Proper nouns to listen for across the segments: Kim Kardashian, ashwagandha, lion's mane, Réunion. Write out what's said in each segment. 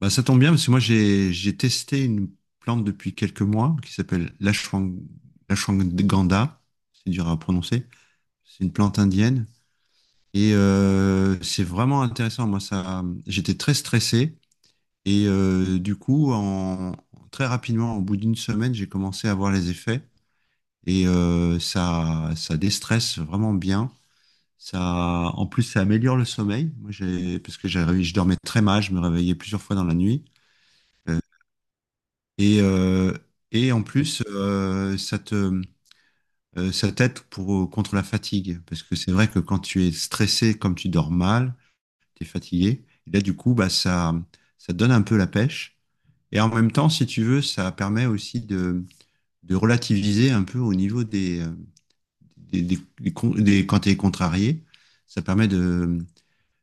Bah, ça tombe bien parce que moi j'ai testé une plante depuis quelques mois qui s'appelle l'ashwagandha, c'est dur à prononcer. C'est une plante indienne et c'est vraiment intéressant. Moi ça, j'étais très stressé et du coup en très rapidement, au bout d'une semaine, j'ai commencé à voir les effets et ça déstresse vraiment bien. Ça, en plus, ça améliore le sommeil. Moi, j'ai, parce que je dormais très mal, je me réveillais plusieurs fois dans la nuit. Euh, Et et en plus, ça t'aide pour, contre la fatigue. Parce que c'est vrai que quand tu es stressé, comme tu dors mal, tu es fatigué. Et là, du coup, bah, ça te donne un peu la pêche. Et en même temps, si tu veux, ça permet aussi de relativiser un peu au niveau des quand tu es contrarié. Ça permet de.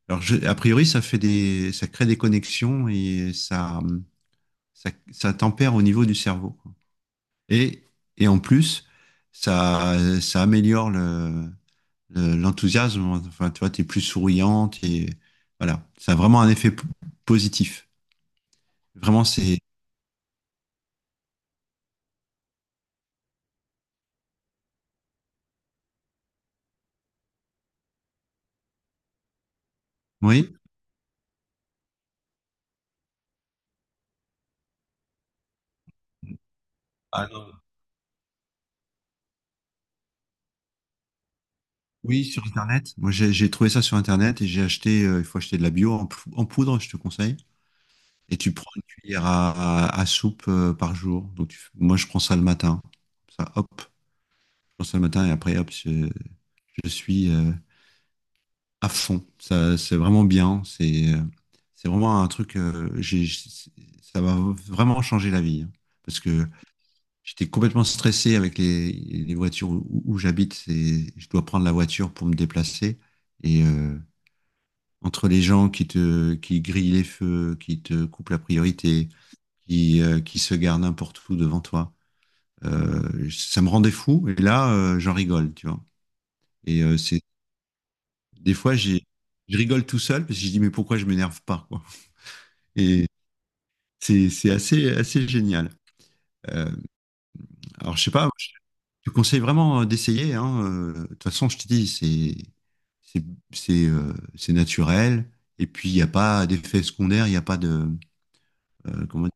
Alors, a priori, ça crée des connexions et ça tempère au niveau du cerveau. Et, et en plus, ça améliore l'enthousiasme. Enfin, tu vois, t'es plus souriante et voilà. Ça a vraiment un effet positif. Vraiment, c'est. Oui? Ah non. Oui, sur Internet. Moi, j'ai trouvé ça sur Internet et j'ai acheté. Il faut acheter de la bio en, en poudre, je te conseille. Et tu prends une cuillère à soupe par jour. Donc, moi, je prends ça le matin. Ça, hop, je prends ça le matin et après, hop, je suis. À fond. Ça, c'est vraiment bien. C'est vraiment un truc. Ça va vraiment changer la vie, hein. Parce que j'étais complètement stressé avec les voitures où j'habite. C'est, je dois prendre la voiture pour me déplacer. Et entre les gens qui grillent les feux, qui te coupent la priorité, qui se gardent n'importe où devant toi, ça me rendait fou. Et là, j'en rigole, tu vois. Et c'est des fois, j'ai, je rigole tout seul parce que je dis mais pourquoi je m'énerve pas, quoi. Et c'est assez, assez génial. Euh, alors, je sais pas, je te conseille vraiment d'essayer, hein. De toute façon, je te dis, c'est c'est naturel. Et puis, il n'y a pas d'effet secondaire, il n'y a pas de... Comment dire.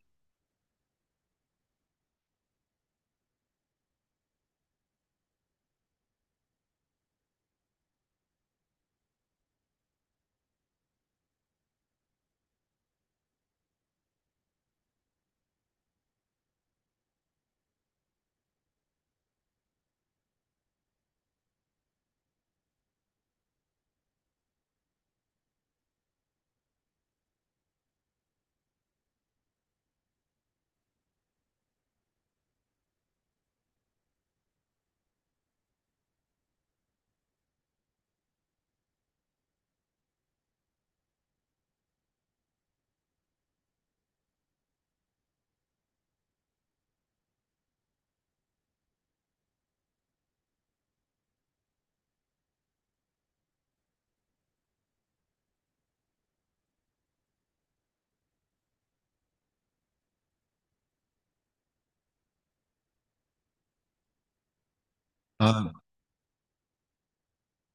Ah,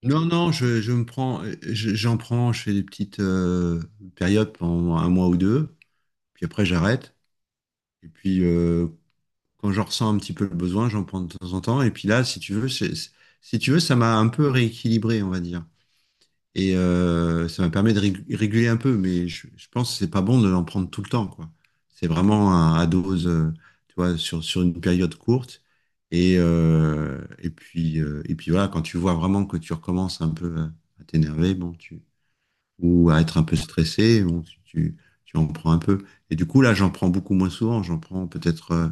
non, non, je me prends, j'en prends, je fais des petites périodes pendant 1 mois ou deux, puis après, j'arrête. Et puis, quand j'en ressens un petit peu le besoin, j'en prends de temps en temps. Et puis là, si tu veux, si tu veux, ça m'a un peu rééquilibré, on va dire. Et ça me permet de réguler un peu, mais je pense que c'est pas bon de l'en prendre tout le temps, quoi. C'est vraiment à dose, tu vois, sur, sur une période courte. Et puis voilà, quand tu vois vraiment que tu recommences un peu à t'énerver, bon, tu, ou à être un peu stressé, tu en prends un peu. Et du coup, là, j'en prends beaucoup moins souvent. J'en prends peut-être euh,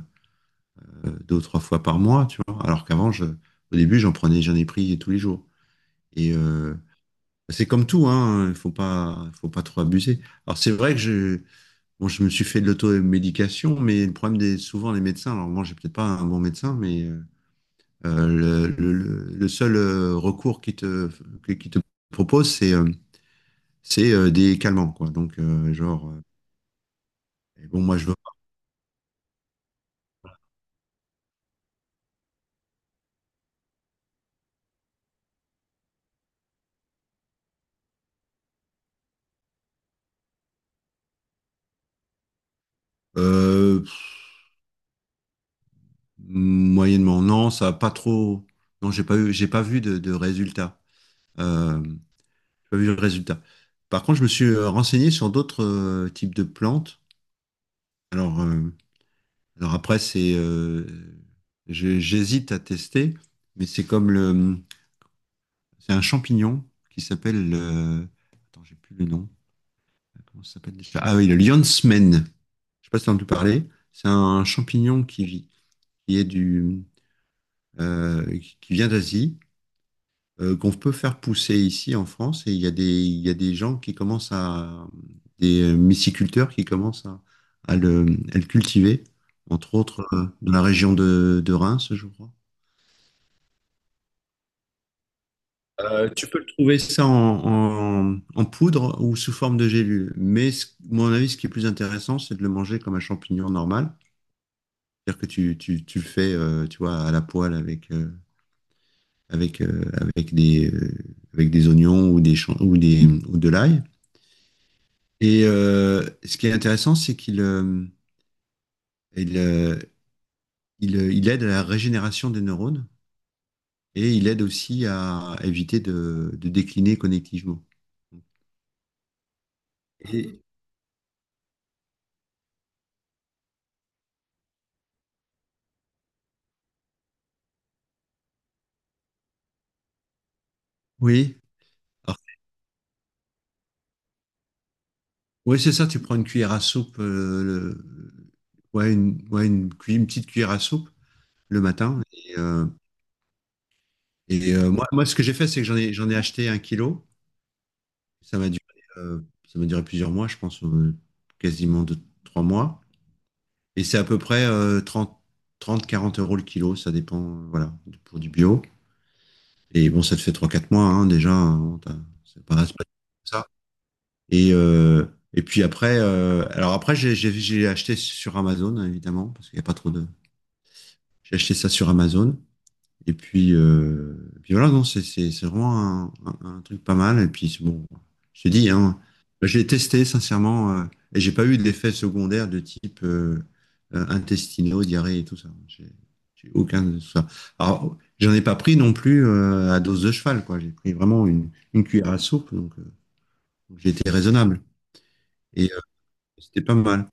euh, deux ou trois fois par mois, tu vois. Alors qu'avant, je, au début, j'en prenais, j'en ai pris tous les jours. Et, euh, c'est comme tout, hein, il faut pas trop abuser. Alors c'est vrai que je, bon, je me suis fait de l'automédication, mais le problème des souvent les médecins, alors moi j'ai peut-être pas un bon médecin, mais le seul recours qui te propose, c'est des calmants, quoi. Donc genre, et bon moi je veux pas. Moyennement, non, ça a pas trop, non j'ai pas eu, j'ai pas vu de résultat, j'ai pas vu de résultat. Par contre, je me suis renseigné sur d'autres types de plantes. Alors, euh, alors après, j'hésite à tester, mais c'est comme le, c'est un champignon qui s'appelle, attends, j'ai plus le nom. Comment ça s'appelle déjà? Ah oui, le lion's mane. Je sais pas si t'as entendu parler. C'est un champignon qui vit, qui est du, qui vient d'Asie qu'on peut faire pousser ici en France. Et il y a des gens qui commencent à, des myciculteurs qui commencent à, à le, à le cultiver, entre autres dans la région de Reims, je crois. Trouver ça en, en poudre ou sous forme de gélule. Mais ce- mon avis, ce qui est plus intéressant, c'est de le manger comme un champignon normal. C'est-à-dire que tu le fais, tu vois, à la poêle avec, euh, avec des, euh, avec des oignons ou des, champ- ou des, ou de l'ail. Et ce qui est intéressant, c'est qu'il il, euh, il aide à la régénération des neurones et il aide aussi à éviter de décliner connectivement. Et, oui. Alors, ouais, c'est ça, tu prends une cuillère à soupe, une petite cuillère à soupe le matin. Moi, moi, ce que j'ai fait, c'est que j'en ai acheté 1 kilo. Ça m'a duré, euh, ça m'a duré plusieurs mois, je pense, quasiment 2, 3 mois. Et c'est à peu près 30 30, 40 euros le kilo, ça dépend, voilà, pour du bio. Et bon, ça te fait 3 4 mois, hein, déjà, hein, c'est pas ça. Et, euh, alors après, j'ai acheté sur Amazon, évidemment, parce qu'il n'y a pas trop de. J'ai acheté ça sur Amazon. Et puis voilà, non, c'est vraiment un truc pas mal. Et puis, c'est bon, je te dis, hein, j'ai testé sincèrement et j'ai pas eu d'effets secondaires de type intestinaux, diarrhée et tout ça. J'ai aucun de ça. Alors, j'en ai pas pris non plus à dose de cheval, quoi. J'ai pris vraiment une cuillère à soupe, donc j'ai été raisonnable et c'était pas mal.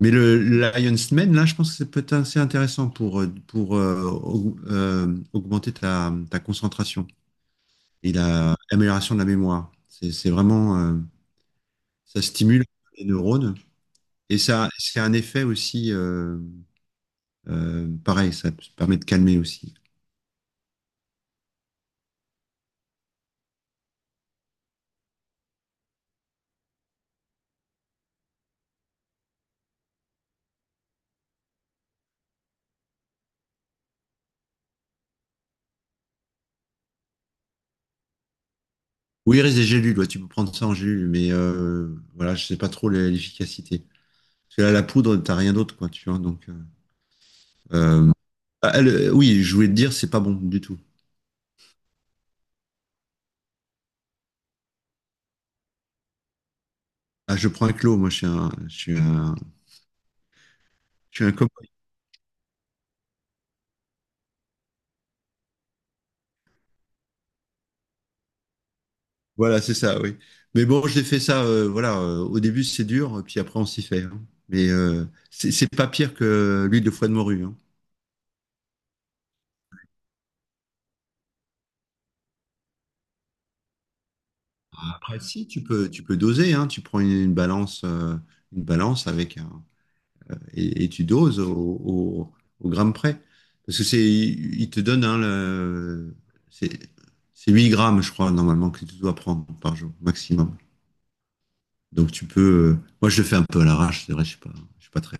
Mais le Lion's Mane, là, je pense que c'est peut-être assez intéressant pour augmenter ta, ta concentration. Et l'amélioration de la mémoire. C'est vraiment, ça stimule les neurones et ça, c'est un effet aussi, pareil, ça te permet de calmer aussi. Oui, il reste des gélules, ouais, tu peux prendre ça en gélule, mais voilà, je sais pas trop l'efficacité. Parce que là, la poudre, t'as rien d'autre, quoi, tu vois. Donc, euh, ah, oui, je voulais te dire, c'est pas bon du tout. Ah, je prends un clos, moi, je suis un copain. Voilà, c'est ça, oui. Mais bon, j'ai fait ça, voilà, au début c'est dur, puis après on s'y fait, hein. Mais c'est pas pire que l'huile de foie de morue, hein. Après, si, tu peux doser, hein. Tu prends une balance avec un, et tu doses au- au gramme près. Parce que c'est, il te donne, hein, le, c'est c'est 8 grammes, je crois, normalement, que tu dois prendre par jour, maximum. Donc tu peux, euh, moi je le fais un peu à l'arrache, c'est vrai, je suis pas très.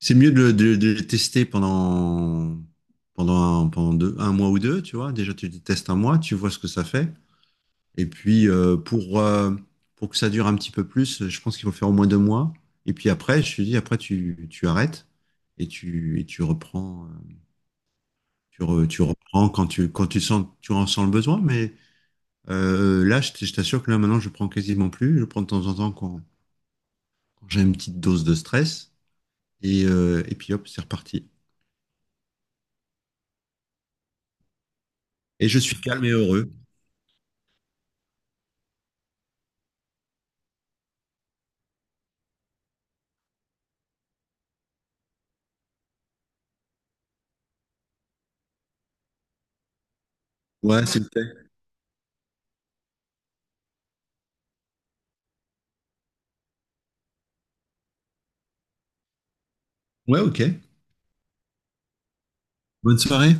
C'est mieux de, de le tester pendant un mois ou deux, tu vois. Déjà, tu le testes 1 mois, tu vois ce que ça fait. Et puis, pour que ça dure un petit peu plus, je pense qu'il faut faire au moins 2 mois. Et puis après, je te dis, après, tu arrêtes et tu reprends, tu reprends quand tu sens, tu en sens le besoin. Mais là, je t'assure que là, maintenant, je prends quasiment plus. Je prends de temps en temps quand j'ai une petite dose de stress. Et puis, hop, c'est reparti. Et je suis calme et heureux. Ouais, c'est le thé. Ouais, ok. Bonne soirée.